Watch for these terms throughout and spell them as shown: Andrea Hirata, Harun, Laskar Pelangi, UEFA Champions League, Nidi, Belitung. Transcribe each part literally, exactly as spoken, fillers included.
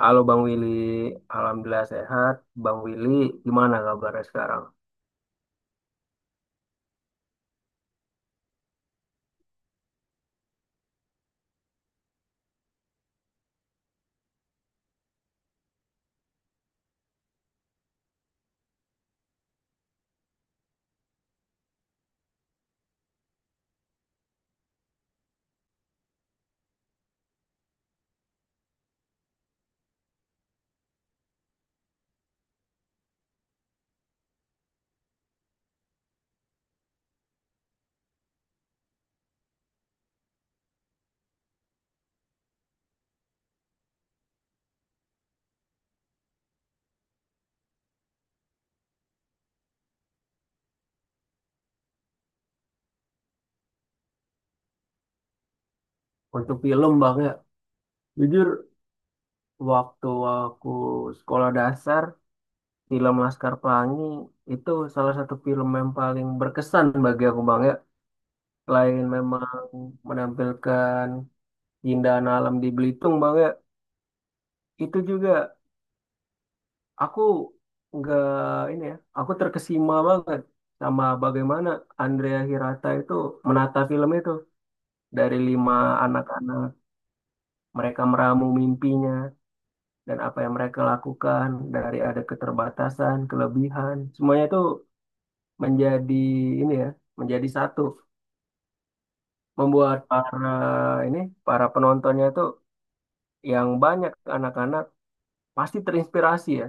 Halo Bang Willy, alhamdulillah sehat. Bang Willy, gimana kabarnya sekarang? Untuk film Bang ya, jujur waktu aku sekolah dasar, film Laskar Pelangi itu salah satu film yang paling berkesan bagi aku Bang ya. Selain memang menampilkan keindahan alam di Belitung Bang ya, itu juga aku nggak ini ya, aku terkesima banget sama bagaimana Andrea Hirata itu menata film itu dari lima anak-anak. Mereka meramu mimpinya dan apa yang mereka lakukan dari ada keterbatasan, kelebihan, semuanya itu menjadi ini ya, menjadi satu, membuat para ini para penontonnya itu yang banyak anak-anak pasti terinspirasi ya,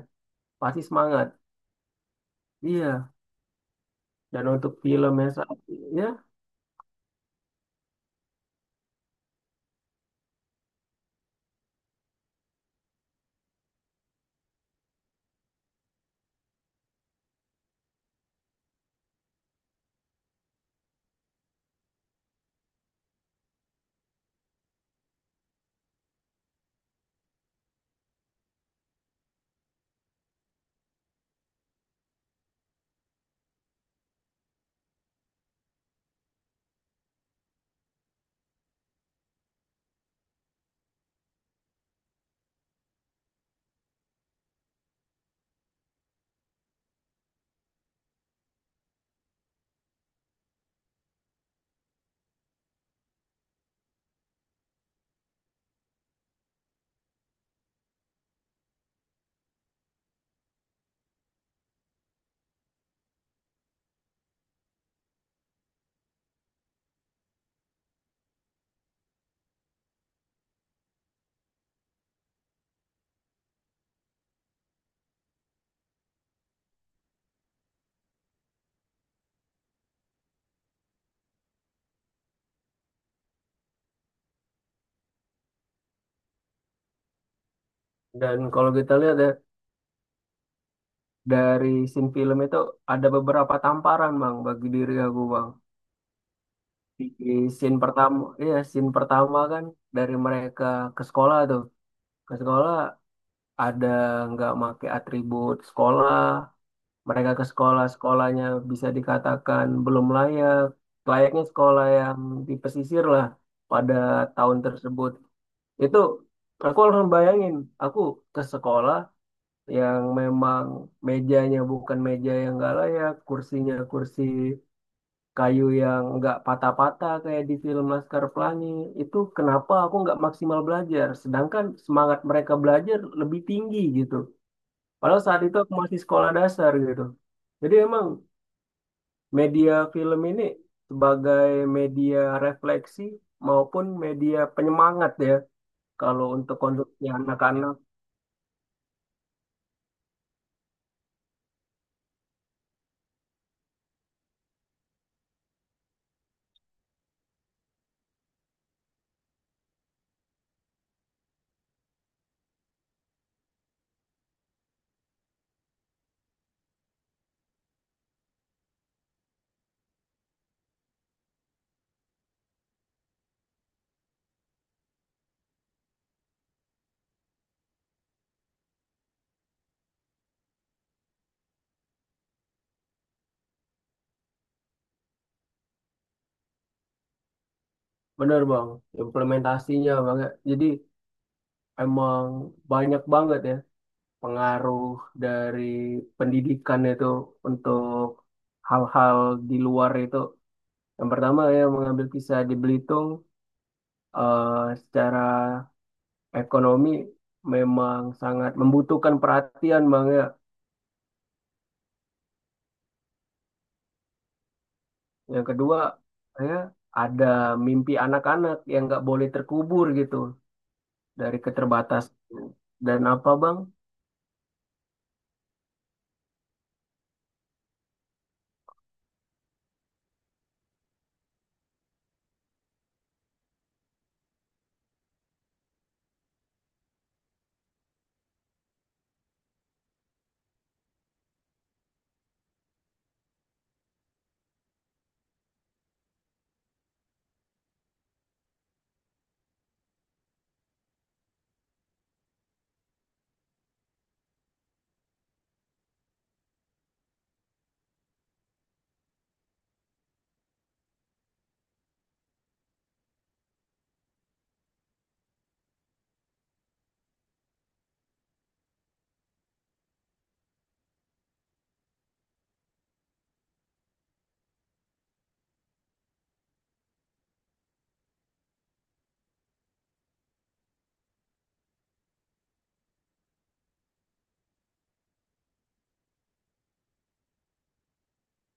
pasti semangat. Iya, dan untuk filmnya yang saat ini ya, dan kalau kita lihat ya, dari scene film itu ada beberapa tamparan Bang bagi diri aku Bang. Di scene pertama, iya scene pertama kan dari mereka ke sekolah tuh, ke sekolah ada nggak make atribut sekolah, mereka ke sekolah, sekolahnya bisa dikatakan belum layak layaknya sekolah yang di pesisir lah pada tahun tersebut. Itu aku harus bayangin aku ke sekolah yang memang mejanya bukan meja yang nggak layak, kursinya kursi kayu yang nggak patah-patah kayak di film Laskar Pelangi. Itu kenapa aku nggak maksimal belajar sedangkan semangat mereka belajar lebih tinggi gitu, padahal saat itu aku masih sekolah dasar gitu. Jadi emang media film ini sebagai media refleksi maupun media penyemangat ya, kalau untuk konsumsi anak-anak. Bener Bang, implementasinya banget. Jadi emang banyak banget ya pengaruh dari pendidikan itu untuk hal-hal di luar itu. Yang pertama ya mengambil kisah di Belitung, eh, secara ekonomi memang sangat membutuhkan perhatian Bang ya. Yang kedua ya ada mimpi anak-anak yang nggak boleh terkubur gitu, dari keterbatasan. Dan apa Bang?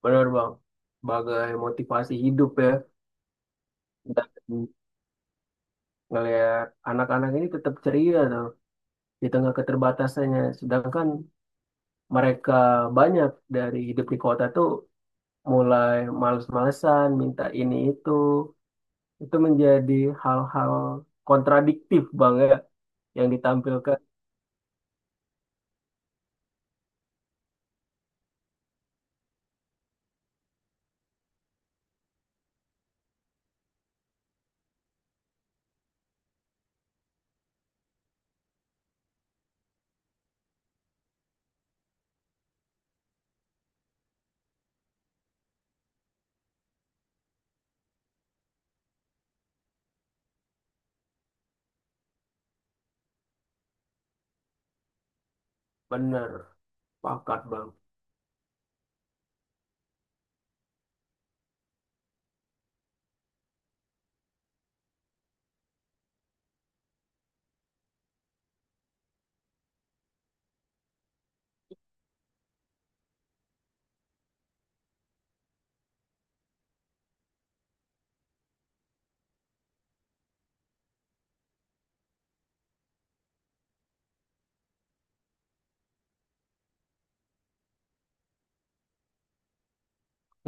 Benar Bang. Sebagai motivasi hidup ya. Dan ngelihat anak-anak ini tetap ceria tuh, di tengah keterbatasannya. Sedangkan mereka banyak dari hidup di kota tuh mulai males-malesan, minta ini itu. Itu menjadi hal-hal kontradiktif Bang ya, yang ditampilkan. Benar, pakat Bang.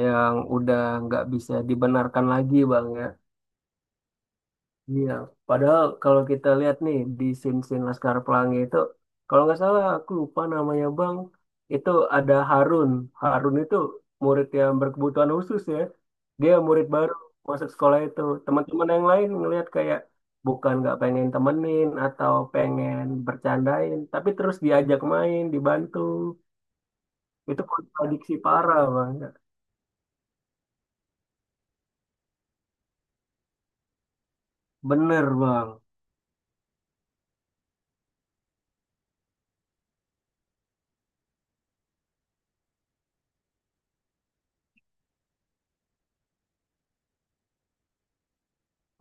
Yang udah nggak bisa dibenarkan lagi Bang ya. Iya, padahal kalau kita lihat nih di scene-scene Laskar Pelangi itu, kalau nggak salah aku lupa namanya Bang, itu ada Harun. Harun itu murid yang berkebutuhan khusus ya. Dia murid baru masuk sekolah itu. Teman-teman yang lain ngelihat kayak bukan nggak pengen temenin atau pengen bercandain, tapi terus diajak main, dibantu. Itu kontradiksi parah Bang. Bener Bang,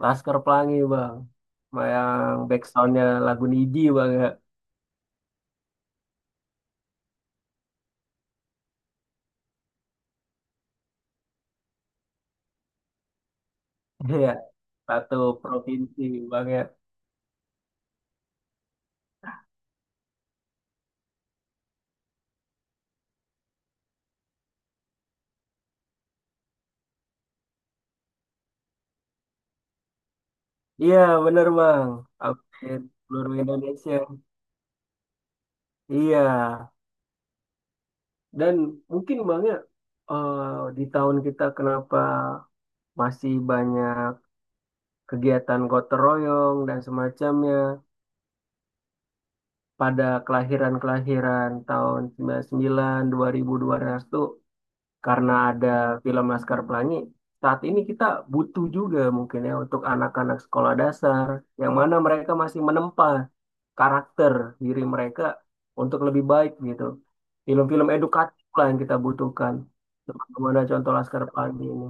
Laskar Pelangi Bang. Yang backsoundnya lagu Nidi Bang ya. Iya. Satu provinsi, Bang ya. Iya, bener Bang. Update seluruh Indonesia. Iya. Dan mungkin Bang ya, eh, di tahun kita kenapa masih banyak kegiatan gotong royong dan semacamnya pada kelahiran-kelahiran tahun sembilan puluh sembilan, dua ribu dua 2012 tuh karena ada film Laskar Pelangi. Saat ini kita butuh juga mungkin ya untuk anak-anak sekolah dasar yang mana mereka masih menempa karakter diri mereka untuk lebih baik gitu. Film-film edukatif lah yang kita butuhkan. Bagaimana contoh Laskar Pelangi ini.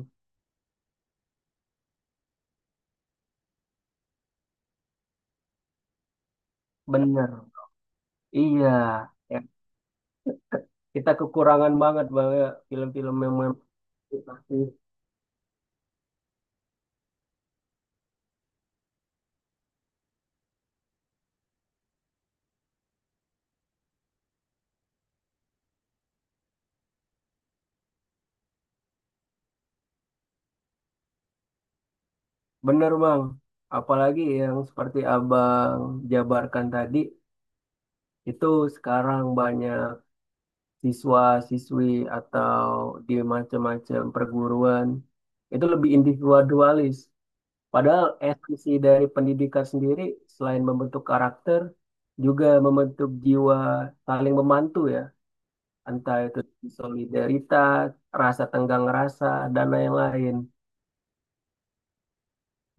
Bener. Iya. Ya, kita kekurangan banget Bang ya, film-film yang mengedukasi. Bener Bang. Apalagi yang seperti abang jabarkan tadi, itu sekarang banyak siswa-siswi atau di macam-macam perguruan itu lebih individualis. Padahal esensi dari pendidikan sendiri selain membentuk karakter juga membentuk jiwa saling membantu ya, entah itu solidaritas, rasa tenggang rasa, dan lain-lain.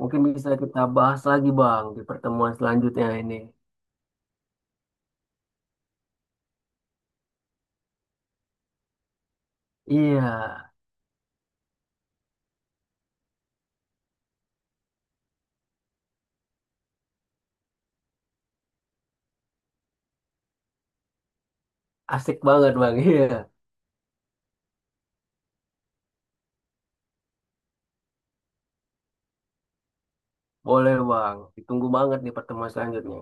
Mungkin bisa kita bahas lagi Bang di pertemuan selanjutnya ini. Iya, asik banget Bang. Iya, boleh Bang. Ditunggu banget di pertemuan selanjutnya.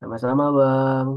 Sama-sama Bang.